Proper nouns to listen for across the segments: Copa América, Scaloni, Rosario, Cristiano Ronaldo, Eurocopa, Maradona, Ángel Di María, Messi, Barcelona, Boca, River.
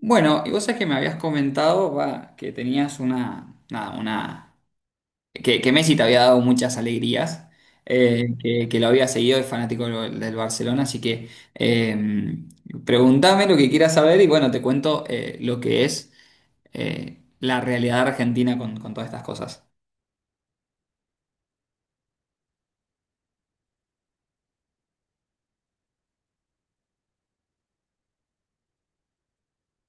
Bueno, y vos sabés que me habías comentado, va, que tenías una, nada, una, que Messi te había dado muchas alegrías, que lo había seguido, es fanático del Barcelona, así que eh, preguntame lo que quieras saber y bueno, te cuento lo que es la realidad argentina con todas estas cosas.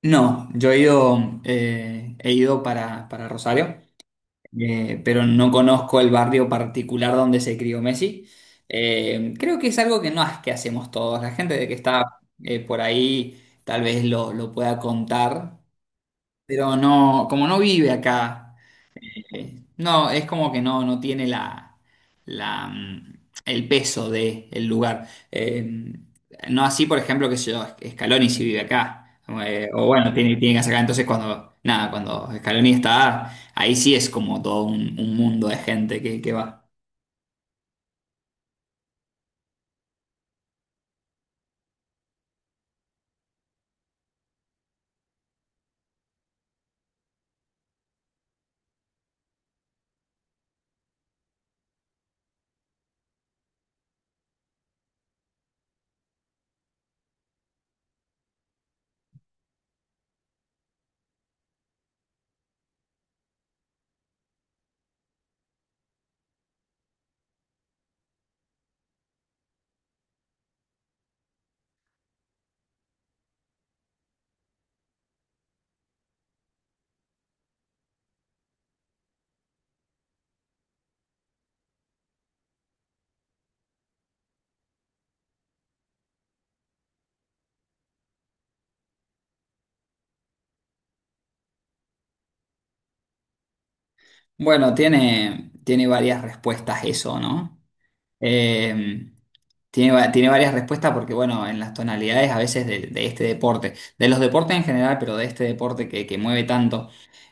No, yo he ido para Rosario. Pero no conozco el barrio particular donde se crió Messi. Creo que es algo que no es que hacemos todos. La gente de que está por ahí tal vez lo pueda contar, pero no, como no vive acá. No, es como que no, no tiene la, la, el peso del lugar. No así, por ejemplo, que sé yo, Scaloni si vive acá. O bueno, tiene, tiene que sacar. Entonces, cuando, nada, cuando Scaloni está, ahí sí es como todo un mundo de gente que va. Bueno, tiene, tiene varias respuestas eso, ¿no? Eh, Tiene varias respuestas porque, bueno, en las tonalidades a veces de este deporte, de los deportes en general, pero de este deporte que mueve tanto,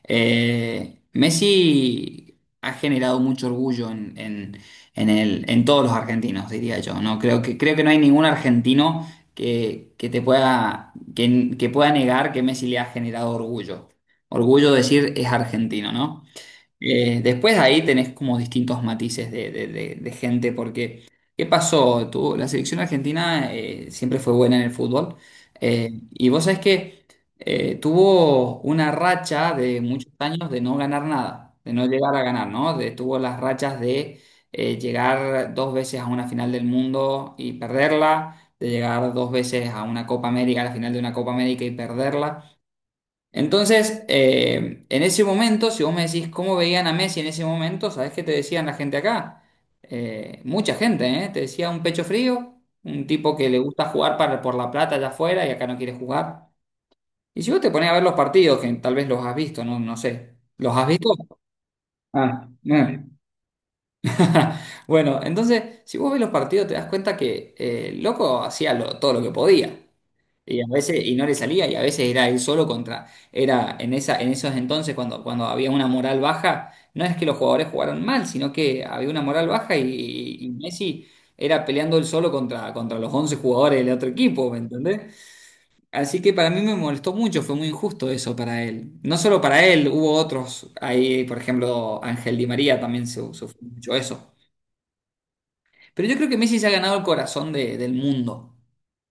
Messi ha generado mucho orgullo en, en el, en todos los argentinos, diría yo, ¿no? Creo que no hay ningún argentino que te pueda, que pueda negar que Messi le ha generado orgullo. Orgullo decir es argentino, ¿no? Después de ahí tenés como distintos matices de, de gente, porque ¿qué pasó? La selección argentina siempre fue buena en el fútbol, y vos sabés que tuvo una racha de muchos años de no ganar nada, de no llegar a ganar, ¿no? De- tuvo las rachas de llegar dos veces a una final del mundo y perderla, de llegar dos veces a una Copa América, a la final de una Copa América y perderla. Entonces, en ese momento, si vos me decís cómo veían a Messi en ese momento, ¿sabés qué te decían la gente acá? Mucha gente, ¿eh? Te decía un pecho frío, un tipo que le gusta jugar para, por la plata allá afuera y acá no quiere jugar. Y si vos te ponés a ver los partidos, que tal vez los has visto, no, no sé. ¿Los has visto? Ah, bueno. Bueno, entonces, si vos ves los partidos, te das cuenta que el loco hacía todo lo que podía. Y a veces, y no le salía, y a veces era él solo contra, era en esa, en esos entonces cuando, cuando había una moral baja, no es que los jugadores jugaron mal, sino que había una moral baja y Messi era peleando él solo contra, contra los 11 jugadores del otro equipo, ¿me entendés? Así que para mí me molestó mucho, fue muy injusto eso para él. No solo para él, hubo otros, ahí por ejemplo Ángel Di María también sufrió mucho eso. Pero yo creo que Messi se ha ganado el corazón del mundo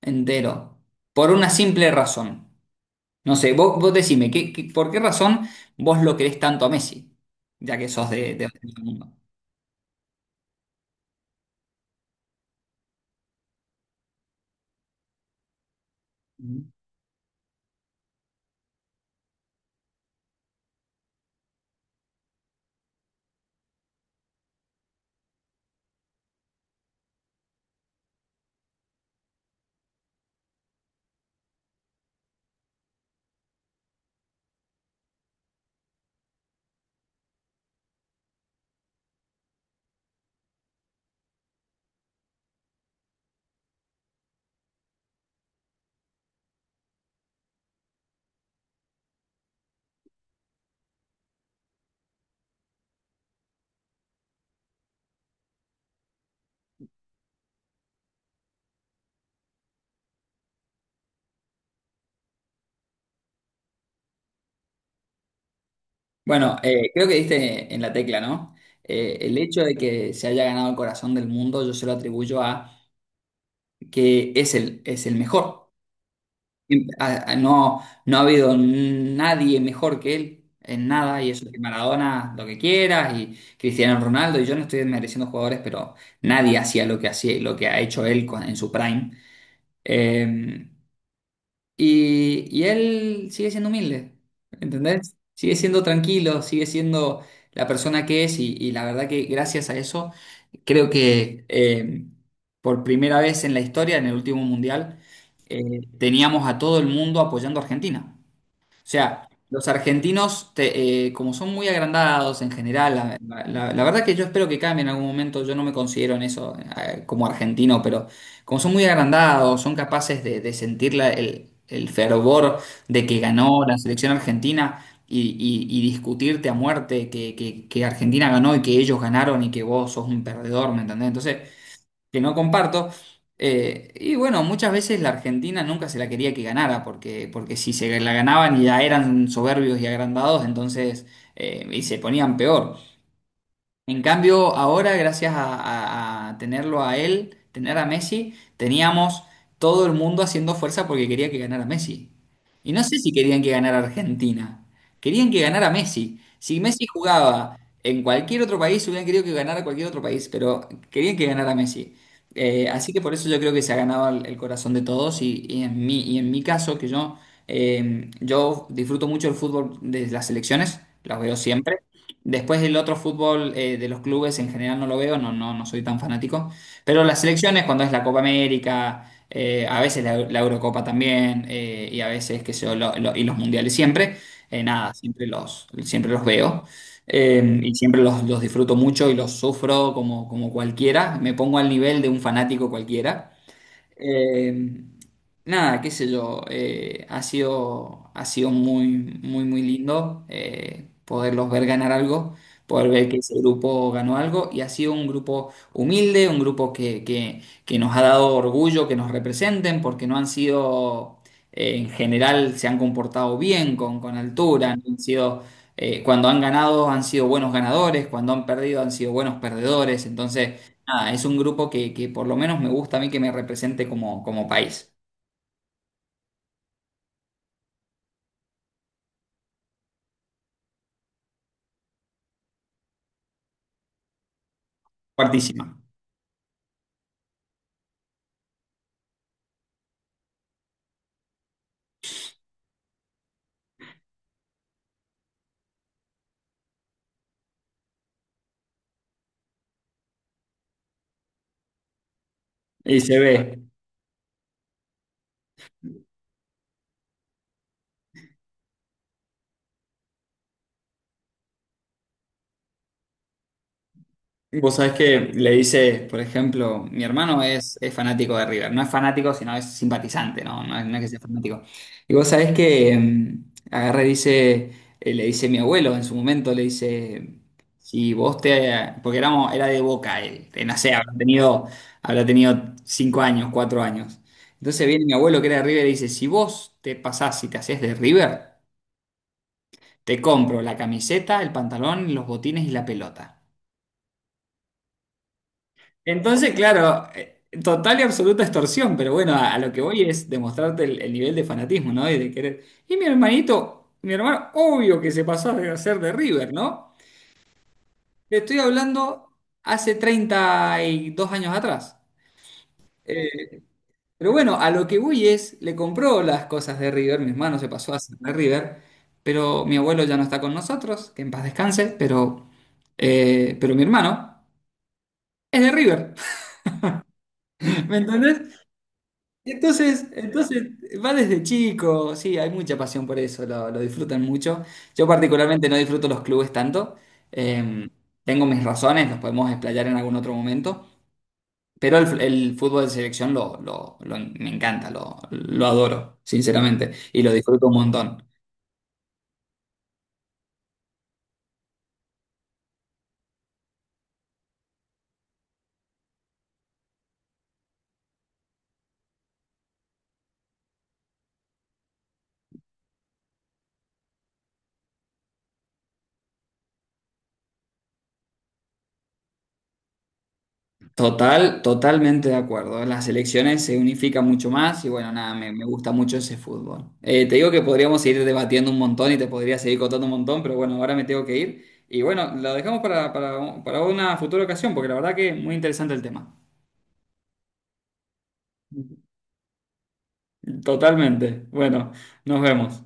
entero, por una simple razón. No sé, vos, vos decime, ¿qué, por qué razón vos lo querés tanto a Messi? Ya que sos de del mundo. Ujú. Bueno, creo que diste en la tecla, ¿no? El hecho de que se haya ganado el corazón del mundo, yo se lo atribuyo a que es el mejor. No, no ha habido nadie mejor que él en nada, y eso que Maradona, lo que quieras, y Cristiano Ronaldo, y yo no estoy desmereciendo jugadores, pero nadie hacía lo que hacía, lo que ha hecho él en su prime. Eh, y él sigue siendo humilde, ¿entendés? Sigue siendo tranquilo, sigue siendo la persona que es y la verdad que gracias a eso creo que por primera vez en la historia, en el último mundial, teníamos a todo el mundo apoyando a Argentina. O sea, los argentinos, como son muy agrandados en general, la, la verdad que yo espero que cambie en algún momento, yo no me considero en eso como argentino, pero como son muy agrandados, son capaces de sentir el fervor de que ganó la selección argentina y, y discutirte a muerte que, que Argentina ganó y que ellos ganaron y que vos sos un perdedor, ¿me entendés? Entonces, que no comparto. Y bueno, muchas veces la Argentina nunca se la quería que ganara, porque, porque si se la ganaban ya eran soberbios y agrandados, entonces, y se ponían peor. En cambio, ahora, gracias a, a tenerlo a él, tener a Messi, teníamos todo el mundo haciendo fuerza porque quería que ganara Messi. Y no sé si querían que ganara Argentina, querían que ganara Messi. Si Messi jugaba en cualquier otro país, hubieran querido que ganara cualquier otro país, pero querían que ganara Messi. Así que por eso yo creo que se ha ganado el corazón de todos y en mí, y en mi caso, que yo, yo disfruto mucho el fútbol de las selecciones, las veo siempre. Después el otro fútbol de los clubes en general no lo veo, no, no, no soy tan fanático. Pero las selecciones, cuando es la Copa América, a veces la, la Eurocopa también, y a veces, qué sé yo, y los mundiales siempre, nada, siempre los veo. Y siempre los disfruto mucho y los sufro como, como cualquiera. Me pongo al nivel de un fanático cualquiera. Eh, Nada, qué sé yo, ha sido muy, muy, muy lindo poderlos ver ganar algo, poder ver que ese grupo ganó algo y ha sido un grupo humilde, un grupo que nos ha dado orgullo que nos representen porque no han sido, en general, se han comportado bien con altura, no han sido... cuando han ganado han sido buenos ganadores, cuando han perdido han sido buenos perdedores, entonces nada, es un grupo que por lo menos me gusta a mí que me represente como, como país. Fuertísima. Y se ve. Vos sabés que le dice, por ejemplo, mi hermano es fanático de River. No es fanático, sino es simpatizante, ¿no? No es, no es que sea fanático. Y vos sabés que agarra y dice, le dice mi abuelo en su momento, le dice, si vos te... Porque éramos, era de Boca él, no sé, habrá tenido 5 años, 4 años. Entonces viene mi abuelo que era de River y dice, si vos te pasás y te hacés de River, te compro la camiseta, el pantalón, los botines y la pelota. Entonces, claro, total y absoluta extorsión, pero bueno, a lo que voy es demostrarte el nivel de fanatismo, ¿no? Y de querer. Y mi hermanito, mi hermano, obvio que se pasó a ser de River, ¿no? Te estoy hablando hace 32 años atrás. Eh, pero bueno, a lo que voy es, le compró las cosas de River, mi hermano se pasó a ser de River, pero mi abuelo ya no está con nosotros, que en paz descanse, pero mi hermano es de River, ¿me entendés? Y Entonces, entonces va desde chico, sí, hay mucha pasión por eso, lo disfrutan mucho. Yo particularmente no disfruto los clubes tanto, eh, tengo mis razones, los podemos explayar en algún otro momento, pero el fútbol de selección lo, me encanta, lo adoro, sinceramente, y lo disfruto un montón. Total, totalmente de acuerdo. Las selecciones se unifican mucho más y bueno, nada, me gusta mucho ese fútbol. Te digo que podríamos seguir debatiendo un montón y te podría seguir contando un montón, pero bueno, ahora me tengo que ir. Y bueno, lo dejamos para una futura ocasión, porque la verdad que muy interesante el tema. Totalmente. Bueno, nos vemos.